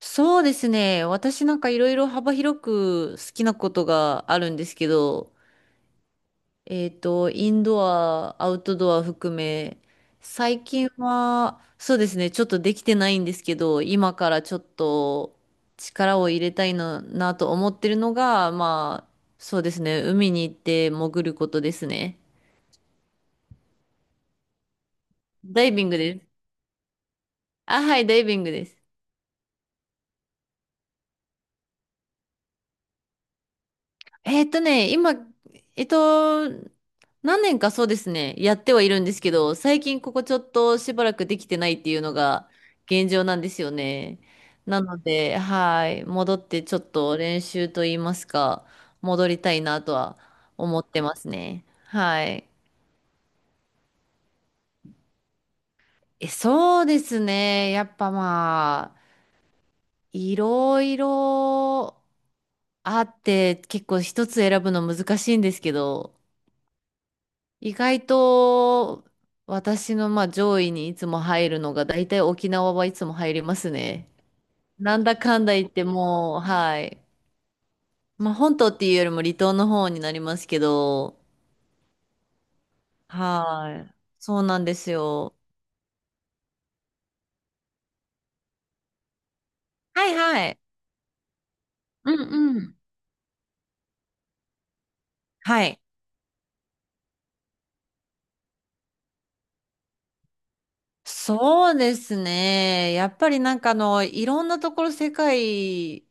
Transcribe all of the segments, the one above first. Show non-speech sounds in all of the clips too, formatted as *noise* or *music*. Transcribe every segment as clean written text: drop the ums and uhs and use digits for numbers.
そうですね。私なんかいろいろ幅広く好きなことがあるんですけど、インドア、アウトドア含め、最近は、そうですね、ちょっとできてないんですけど、今からちょっと力を入れたいなと思ってるのが、まあ、そうですね、海に行って潜ることですね。ダイビングです。あ、はい、ダイビングです。今、えっと、何年かそうですね、やってはいるんですけど、最近ここちょっとしばらくできてないっていうのが現状なんですよね。なので、はい、戻ってちょっと練習と言いますか、戻りたいなとは思ってますね。はい。え、そうですね。やっぱまあ、いろいろあって、結構一つ選ぶの難しいんですけど、意外と私のまあ上位にいつも入るのが大体沖縄はいつも入りますね。なんだかんだ言ってもう、はい。まあ本島っていうよりも離島の方になりますけど、はい。そうなんですよ。はいはい。うんうん。はい。そうですね。やっぱりなんかあの、いろんなところ世界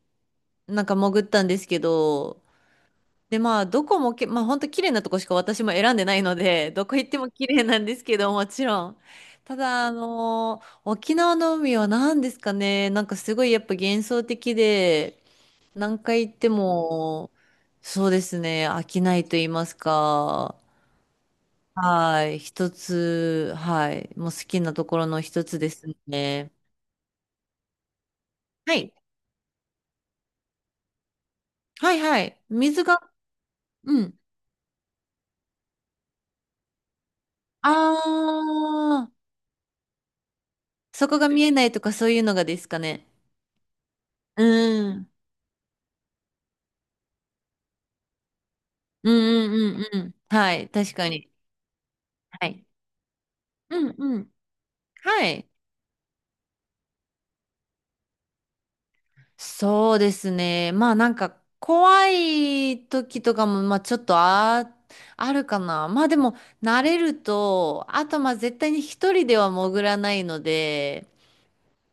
なんか潜ったんですけど、で、まあ、どこもけ、まあ、本当綺麗なとこしか私も選んでないので、どこ行っても綺麗なんですけど、もちろん。ただ、沖縄の海は何ですかね、なんかすごいやっぱ幻想的で、何回行っても、そうですね、飽きないと言いますか、はい、一つ、はい、もう好きなところの一つですね。はい、はい、はい、水が、うん。ああ、そこが見えないとかそういうのがですかね。うん。うんうんうんうん。はい、確かに。はい。うんうん。はい。そうですね。まあなんか怖い時とかもまあちょっとあるかな。まあでも慣れると、あとまあ絶対に一人では潜らないので、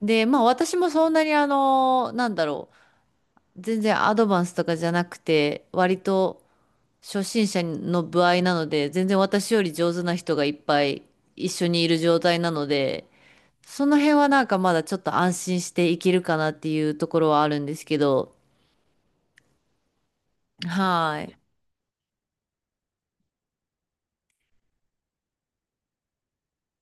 で、まあ私もそんなになんだろう。全然アドバンスとかじゃなくて、割と初心者の歩合なので、全然私より上手な人がいっぱい一緒にいる状態なので、その辺はなんかまだちょっと安心していけるかなっていうところはあるんですけど。はい。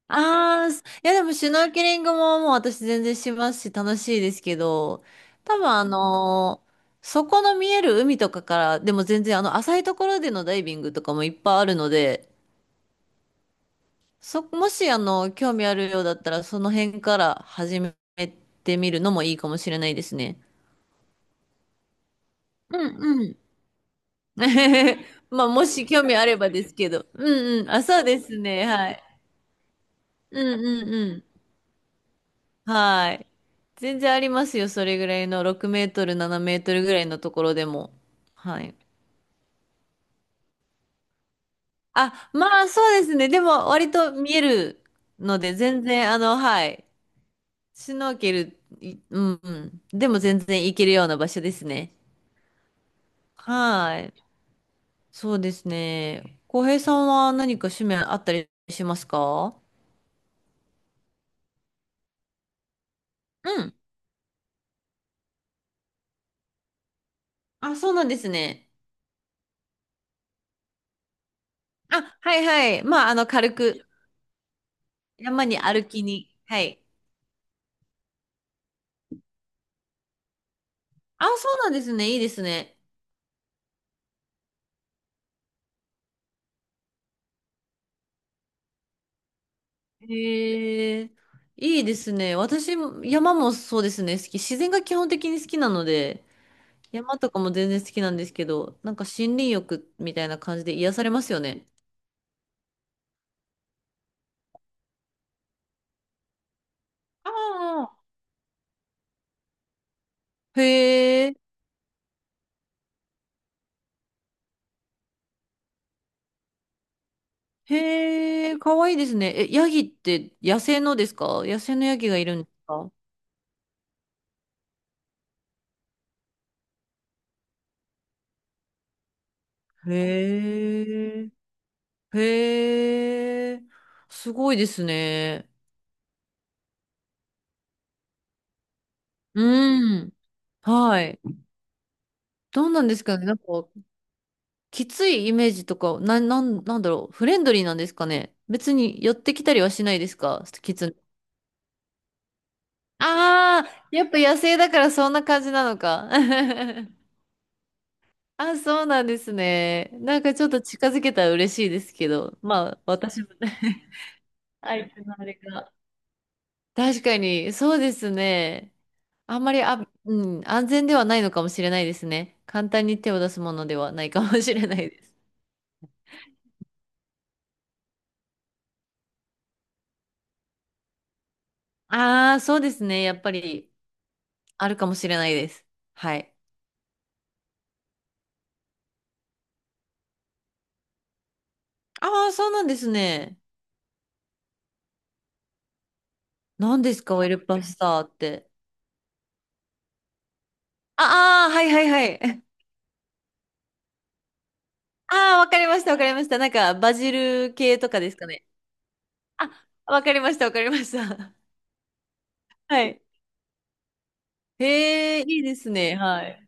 ああ、すいやでもシュノーケリングももう私全然しますし楽しいですけど、多分そこの見える海とかから、でも全然あの浅いところでのダイビングとかもいっぱいあるので、もし興味あるようだったらその辺から始めてみるのもいいかもしれないですね。うんうん *laughs* まあ、もし興味あればですけど。うんうん。あ、そうですね。はい。うんうんうん。はい。全然ありますよ。それぐらいの6メートル、7メートルぐらいのところでも。はい。あ、まあ、そうですね。でも、割と見えるので、全然、あの、はい。シュノーケル、いうんうん。でも、全然行けるような場所ですね。はい。そうですね。浩平さんは何か趣味あったりしますか？うん。あ、そうなんですね。あ、はいはい。まあ、軽く、山に歩きに。はい。あ、そうなんですね。いいですね。へえ、いいですね。私も、山もそうですね。好き。自然が基本的に好きなので、山とかも全然好きなんですけど、なんか森林浴みたいな感じで癒されますよね。ああ。へえ、へえ、かわいいですね。え、ヤギって野生のですか？野生のヤギがいるんですか？へえ。へえ、すごいですね。うん。はい。どうなんですかね。なんか、きついイメージとか、なんだろう。フレンドリーなんですかね。別に寄ってきたりはしないですか？きつい。ああ、やっぱ野生だからそんな感じなのか。*laughs* あ、そうなんですね。なんかちょっと近づけたら嬉しいですけど、まあ、私もね、*laughs* 相手のあれが。確かに、そうですね。あんまり、あ、うん、安全ではないのかもしれないですね。簡単に手を出すものではないかもしれないです。ああ、そうですね。やっぱり、あるかもしれないです。はい。ああ、そうなんですね。何ですか、オイルパスタって。ああ、はいはいはい。*laughs* ああ、わかりました、わかりました。なんか、バジル系とかですかね。あ、わかりました、わかりました。*laughs* はい。へえ、いいですね。はい。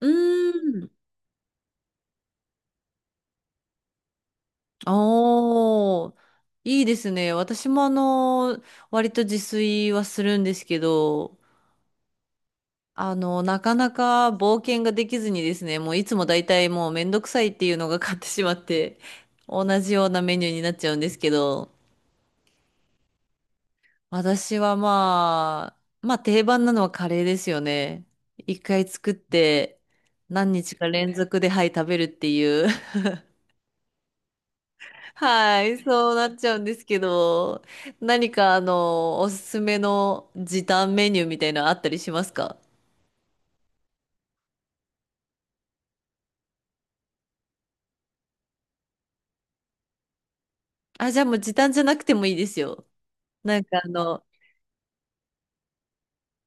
うーん。おー、いいですね。私も割と自炊はするんですけど、なかなか冒険ができずにですね、もういつも大体もうめんどくさいっていうのが勝ってしまって、同じようなメニューになっちゃうんですけど、私はまあ定番なのはカレーですよね。一回作って何日か連続で、はい、食べるっていう。はい、そうなっちゃうんですけど、何かおすすめの時短メニューみたいなのあったりしますか？あ、じゃあもう時短じゃなくてもいいですよ。なんか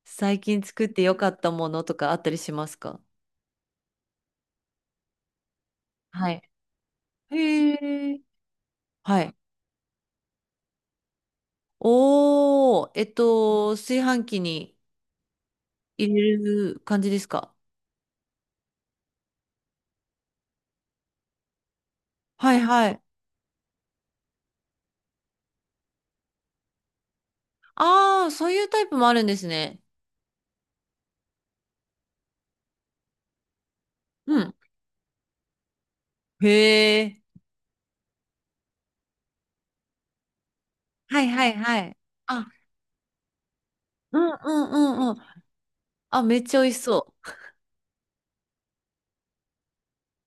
最近作ってよかったものとかあったりしますか？はい。へえ。はい。おー、炊飯器に入れる感じですか？はいはい。ああ、そういうタイプもあるんですね。うん。へえ。はいはいはい。あうんうんうんうん。あ、めっちゃ美味しそう。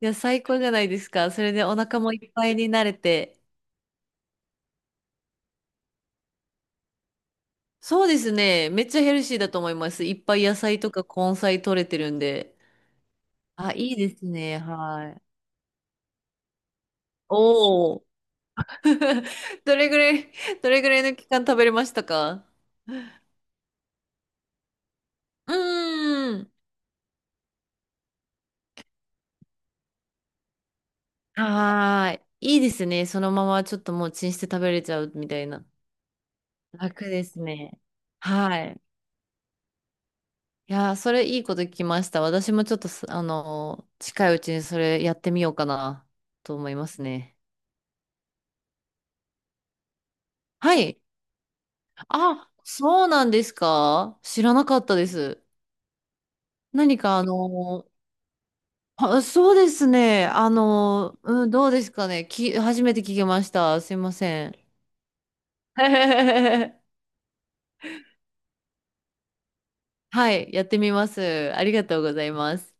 いや、最高じゃないですか。それでお腹もいっぱいになれて。そうですね。めっちゃヘルシーだと思います。いっぱい野菜とか根菜取れてるんで。あ、いいですね。はい。おお。*laughs* どれぐらい、どれぐらいの期間食べれましたか？ *laughs* うーん。はーい。いいですね。そのままちょっともうチンして食べれちゃうみたいな。楽ですね。はい。いやー、それいいこと聞きました。私もちょっと近いうちにそれやってみようかなと思いますね。はい。あ、そうなんですか？知らなかったです。何かあ、そうですね。うん、どうですかね。初めて聞きました。すいません。*laughs* はい、やってみます。ありがとうございます。